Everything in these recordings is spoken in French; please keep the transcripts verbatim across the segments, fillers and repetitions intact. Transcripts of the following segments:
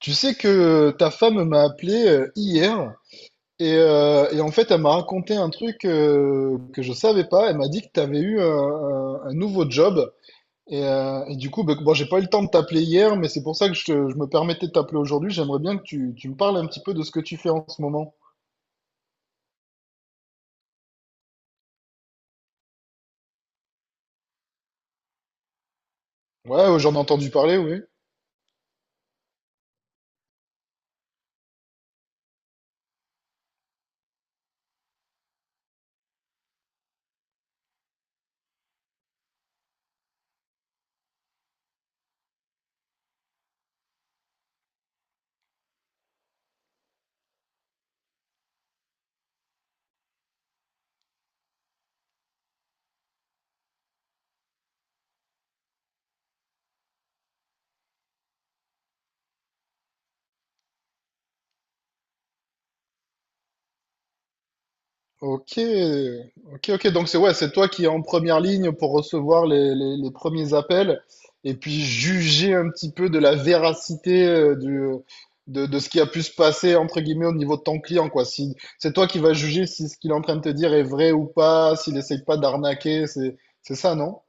Tu sais que euh, ta femme m'a appelé euh, hier et, euh, et en fait elle m'a raconté un truc euh, que je savais pas. Elle m'a dit que tu avais eu un, un- un nouveau job et, euh, et du coup ben, bon j'ai pas eu le temps de t'appeler hier mais c'est pour ça que je, te- je me permettais de t'appeler aujourd'hui. J'aimerais bien que tu, tu me parles un petit peu de ce que tu fais en ce moment. Ouais, ouais, j'en ai entendu parler, oui. Ok, ok, ok. Donc c'est ouais, c'est toi qui es en première ligne pour recevoir les, les, les premiers appels et puis juger un petit peu de la véracité euh, du, de, de ce qui a pu se passer entre guillemets au niveau de ton client quoi. Si c'est toi qui vas juger si ce qu'il est en train de te dire est vrai ou pas, s'il essaye pas d'arnaquer, c'est c'est ça, non?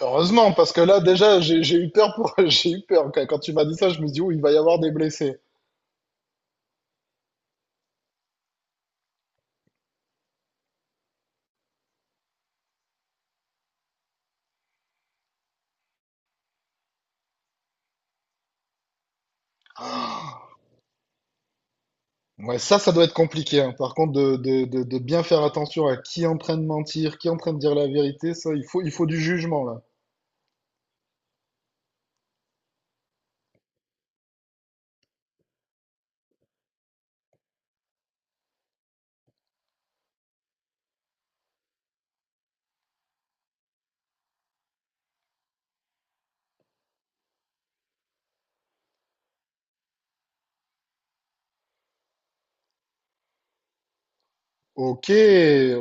Heureusement, parce que là déjà j'ai j'ai eu peur pour j'ai eu peur quand quand tu m'as dit ça, je me suis dit oh, il va y avoir des blessés. Ouais, ça, ça doit être compliqué, hein. Par contre, de, de, de, de bien faire attention à qui est en train de mentir, qui est en train de dire la vérité, ça, il faut, il faut du jugement, là. Ok,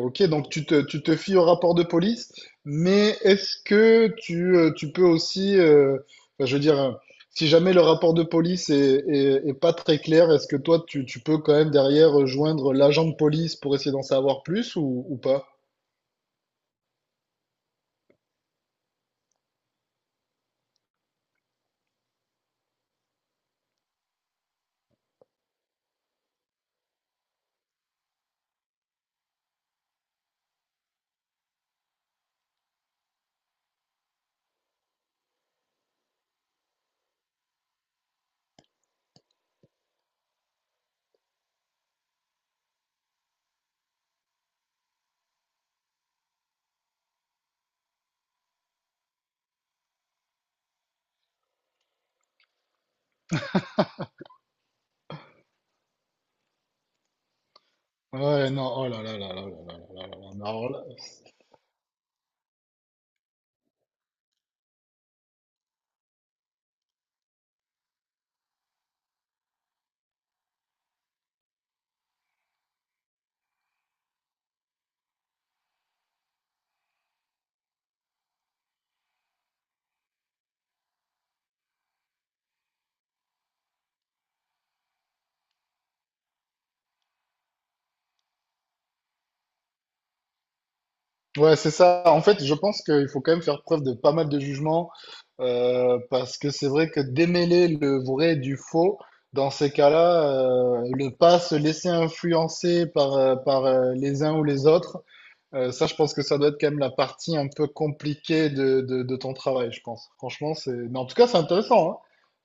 ok, donc tu te, tu te fies au rapport de police, mais est-ce que tu, euh, tu peux aussi, euh, enfin, je veux dire, euh, si jamais le rapport de police est, est, est pas très clair, est-ce que toi, tu, tu peux quand même derrière joindre l'agent de police pour essayer d'en savoir plus ou, ou pas? Ouais, non, oh là là là là là là là là là, mais alors là. Ouais, c'est ça. En fait, je pense qu'il faut quand même faire preuve de pas mal de jugement, euh, parce que c'est vrai que démêler le vrai du faux, dans ces cas-là, euh, ne pas se laisser influencer par, euh, par euh, les uns ou les autres, euh, ça, je pense que ça doit être quand même la partie un peu compliquée de, de, de ton travail, je pense. Franchement, c'est... Mais en tout cas, c'est intéressant, hein.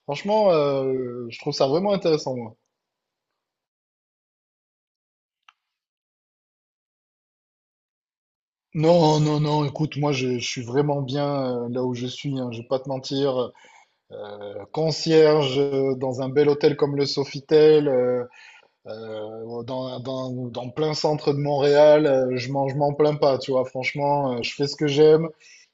Franchement, euh, je trouve ça vraiment intéressant, moi. Non, non, non, écoute, moi je, je suis vraiment bien euh, là où je suis, hein, je vais pas te mentir. Concierge dans un bel hôtel comme le Sofitel, euh, euh, dans, dans, dans plein centre de Montréal, euh, je mange, je m'en plains pas, tu vois. Franchement, euh, je fais ce que j'aime,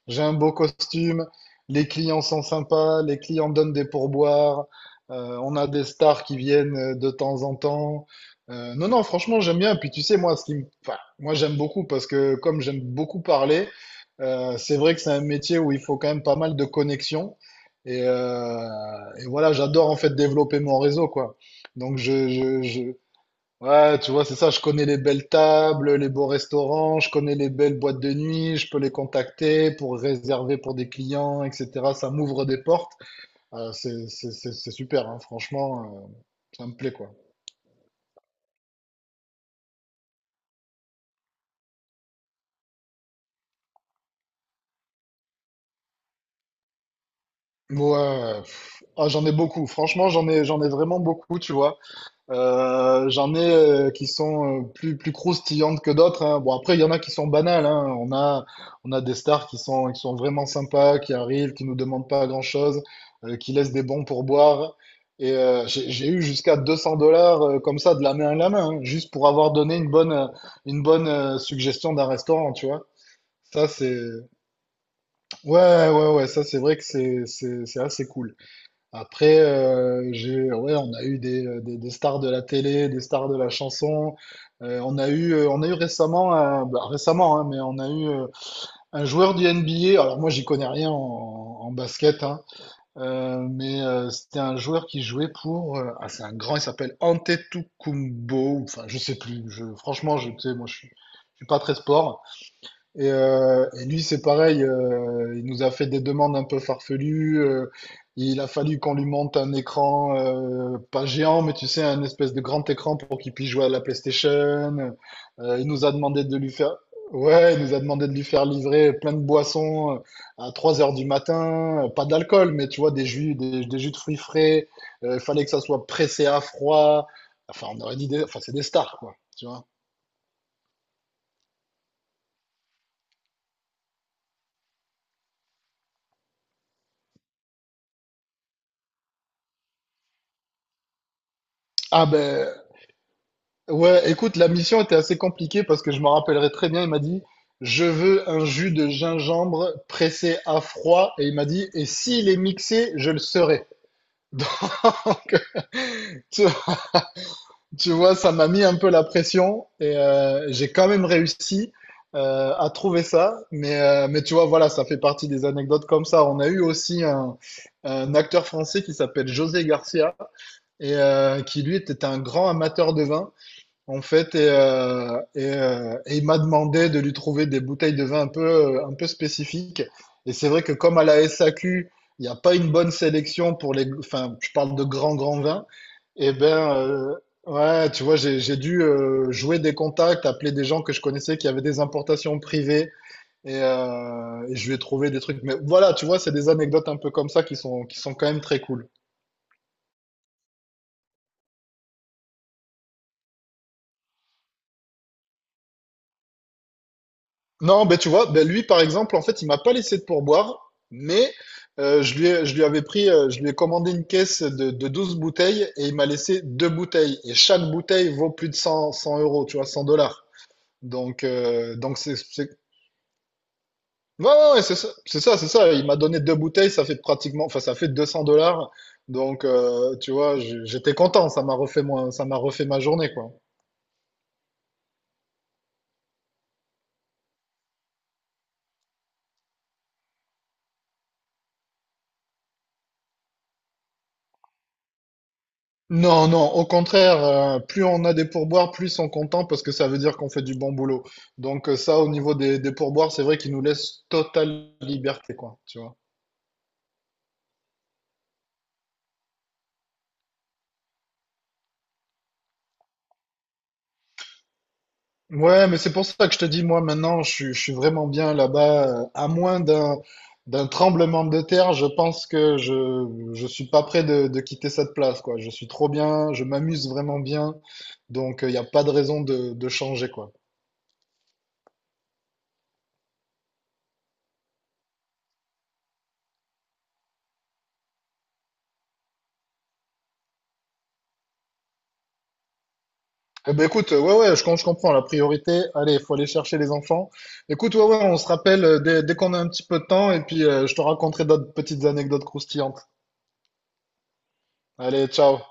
j'ai un beau costume, les clients sont sympas, les clients donnent des pourboires, euh, on a des stars qui viennent euh, de temps en temps. Euh, non, non, franchement, j'aime bien. Puis tu sais, moi, ce qui me... enfin, moi, j'aime beaucoup parce que comme j'aime beaucoup parler, euh, c'est vrai que c'est un métier où il faut quand même pas mal de connexions. Et, euh, et voilà, j'adore en fait développer mon réseau, quoi. Donc je, je, je, ouais, tu vois, c'est ça, je connais les belles tables, les beaux restaurants, je connais les belles boîtes de nuit, je peux les contacter pour réserver pour des clients, et cetera. Ça m'ouvre des portes. Euh, c'est, c'est, c'est c'est super, hein, franchement, euh, ça me plaît, quoi. Ouais, pff, ah, j'en ai beaucoup, franchement, j'en ai, j'en ai vraiment beaucoup, tu vois. Euh, j'en ai euh, qui sont euh, plus, plus croustillantes que d'autres, hein. Bon, après, il y en a qui sont banales, hein. On a, on a des stars qui sont, qui sont vraiment sympas, qui arrivent, qui nous demandent pas grand-chose, euh, qui laissent des bons pourboires. Et euh, j'ai j'ai eu jusqu'à deux cents dollars euh, comme ça de la main à la main, hein, juste pour avoir donné une bonne, euh, une bonne euh, suggestion d'un restaurant, tu vois. Ça, c'est... Ouais, ouais, ouais, ça, c'est vrai que c'est, c'est, c'est assez cool. Après, euh, j'ai, ouais, on a eu des, euh, des, des stars de la télé, des stars de la chanson. Euh, on a eu, euh, on a eu récemment, un- bah, récemment, hein, mais on a eu euh, un joueur du N B A. Alors moi, j'y connais rien en, en basket, hein, euh, mais euh, c'était un joueur qui jouait pour, euh, ah, c'est un grand, il s'appelle Antetokounmpo. Enfin, je sais plus. Je, franchement, je, tu sais, moi, je suis, je suis pas très sport. Et, euh, et lui, c'est pareil, euh, il nous a fait des demandes un peu farfelues, euh, il a fallu qu'on lui monte un écran, euh, pas géant, mais tu sais, un espèce de grand écran pour qu'il puisse jouer à la PlayStation. Euh, il nous a demandé de lui faire, ouais, il nous a demandé de lui faire livrer plein de boissons euh, à trois heures du matin. Euh, Pas d'alcool, mais tu vois, des jus, des, des jus de fruits frais. Euh, Il fallait que ça soit pressé à froid. Enfin, on aurait dit, des... enfin, c'est des stars, quoi. Tu vois. Ah ben, ouais, écoute, la mission était assez compliquée parce que je m'en rappellerai très bien. Il m'a dit, je veux un jus de gingembre pressé à froid. Et il m'a dit, et s'il est mixé, je le serai. Donc, tu, tu vois, ça m'a mis un peu la pression et euh, j'ai quand même réussi euh, à trouver ça. Mais, euh, mais tu vois, voilà, ça fait partie des anecdotes comme ça. On a eu aussi un, un acteur français qui s'appelle José Garcia et euh, qui, lui, était un grand amateur de vin, en fait, et, euh, et, euh, et il m'a demandé de lui trouver des bouteilles de vin un peu, euh, un peu spécifiques. Et c'est vrai que comme à la S A Q, il n'y a pas une bonne sélection pour les, enfin, je parle de grands, grands vins. Et ben, euh, ouais, tu vois, j'ai, j'ai dû euh, jouer des contacts, appeler des gens que je connaissais qui avaient des importations privées, et, euh, et je lui ai trouvé des trucs. Mais voilà, tu vois, c'est des anecdotes un peu comme ça qui sont, qui sont quand même très cool. Non, ben tu vois, ben lui par exemple, en fait, il m'a pas laissé de pourboire, mais euh, je lui ai- je lui avais pris, euh, je lui ai commandé une caisse de, de douze bouteilles et il m'a laissé deux bouteilles. Et chaque bouteille vaut plus de cent cent euros, tu vois, cent dollars. Donc, euh, donc c'est, c'est... Ouais, ouais, ouais, c'est ça, c'est ça, c'est ça. Il m'a donné deux bouteilles, ça fait pratiquement, enfin, ça fait deux cents dollars. Donc, euh, tu vois, j'- j'étais content, ça m'a refait, mon, ça m'a refait ma journée, quoi. Non, non, au contraire, euh, plus on a des pourboires, plus ils sont contents parce que ça veut dire qu'on fait du bon boulot. Donc euh, ça, au niveau des, des pourboires, c'est vrai qu'ils nous laissent totale liberté, quoi, tu vois. Ouais, mais c'est pour ça que je te dis, moi, maintenant, je, suis- je suis vraiment bien là-bas, euh. À moins d'un d'un tremblement de terre, je pense que je je suis pas prêt de, de quitter cette place, quoi. Je suis trop bien, je m'amuse vraiment bien, donc il n'y a pas de raison de, de changer, quoi. Eh ben écoute, euh, ouais, ouais, je, com- je comprends la priorité. Allez, il faut aller chercher les enfants. Écoute, ouais, ouais, on se rappelle euh, dès, dès qu'on a un petit peu de temps et puis euh, je te raconterai d'autres petites anecdotes croustillantes. Allez, ciao.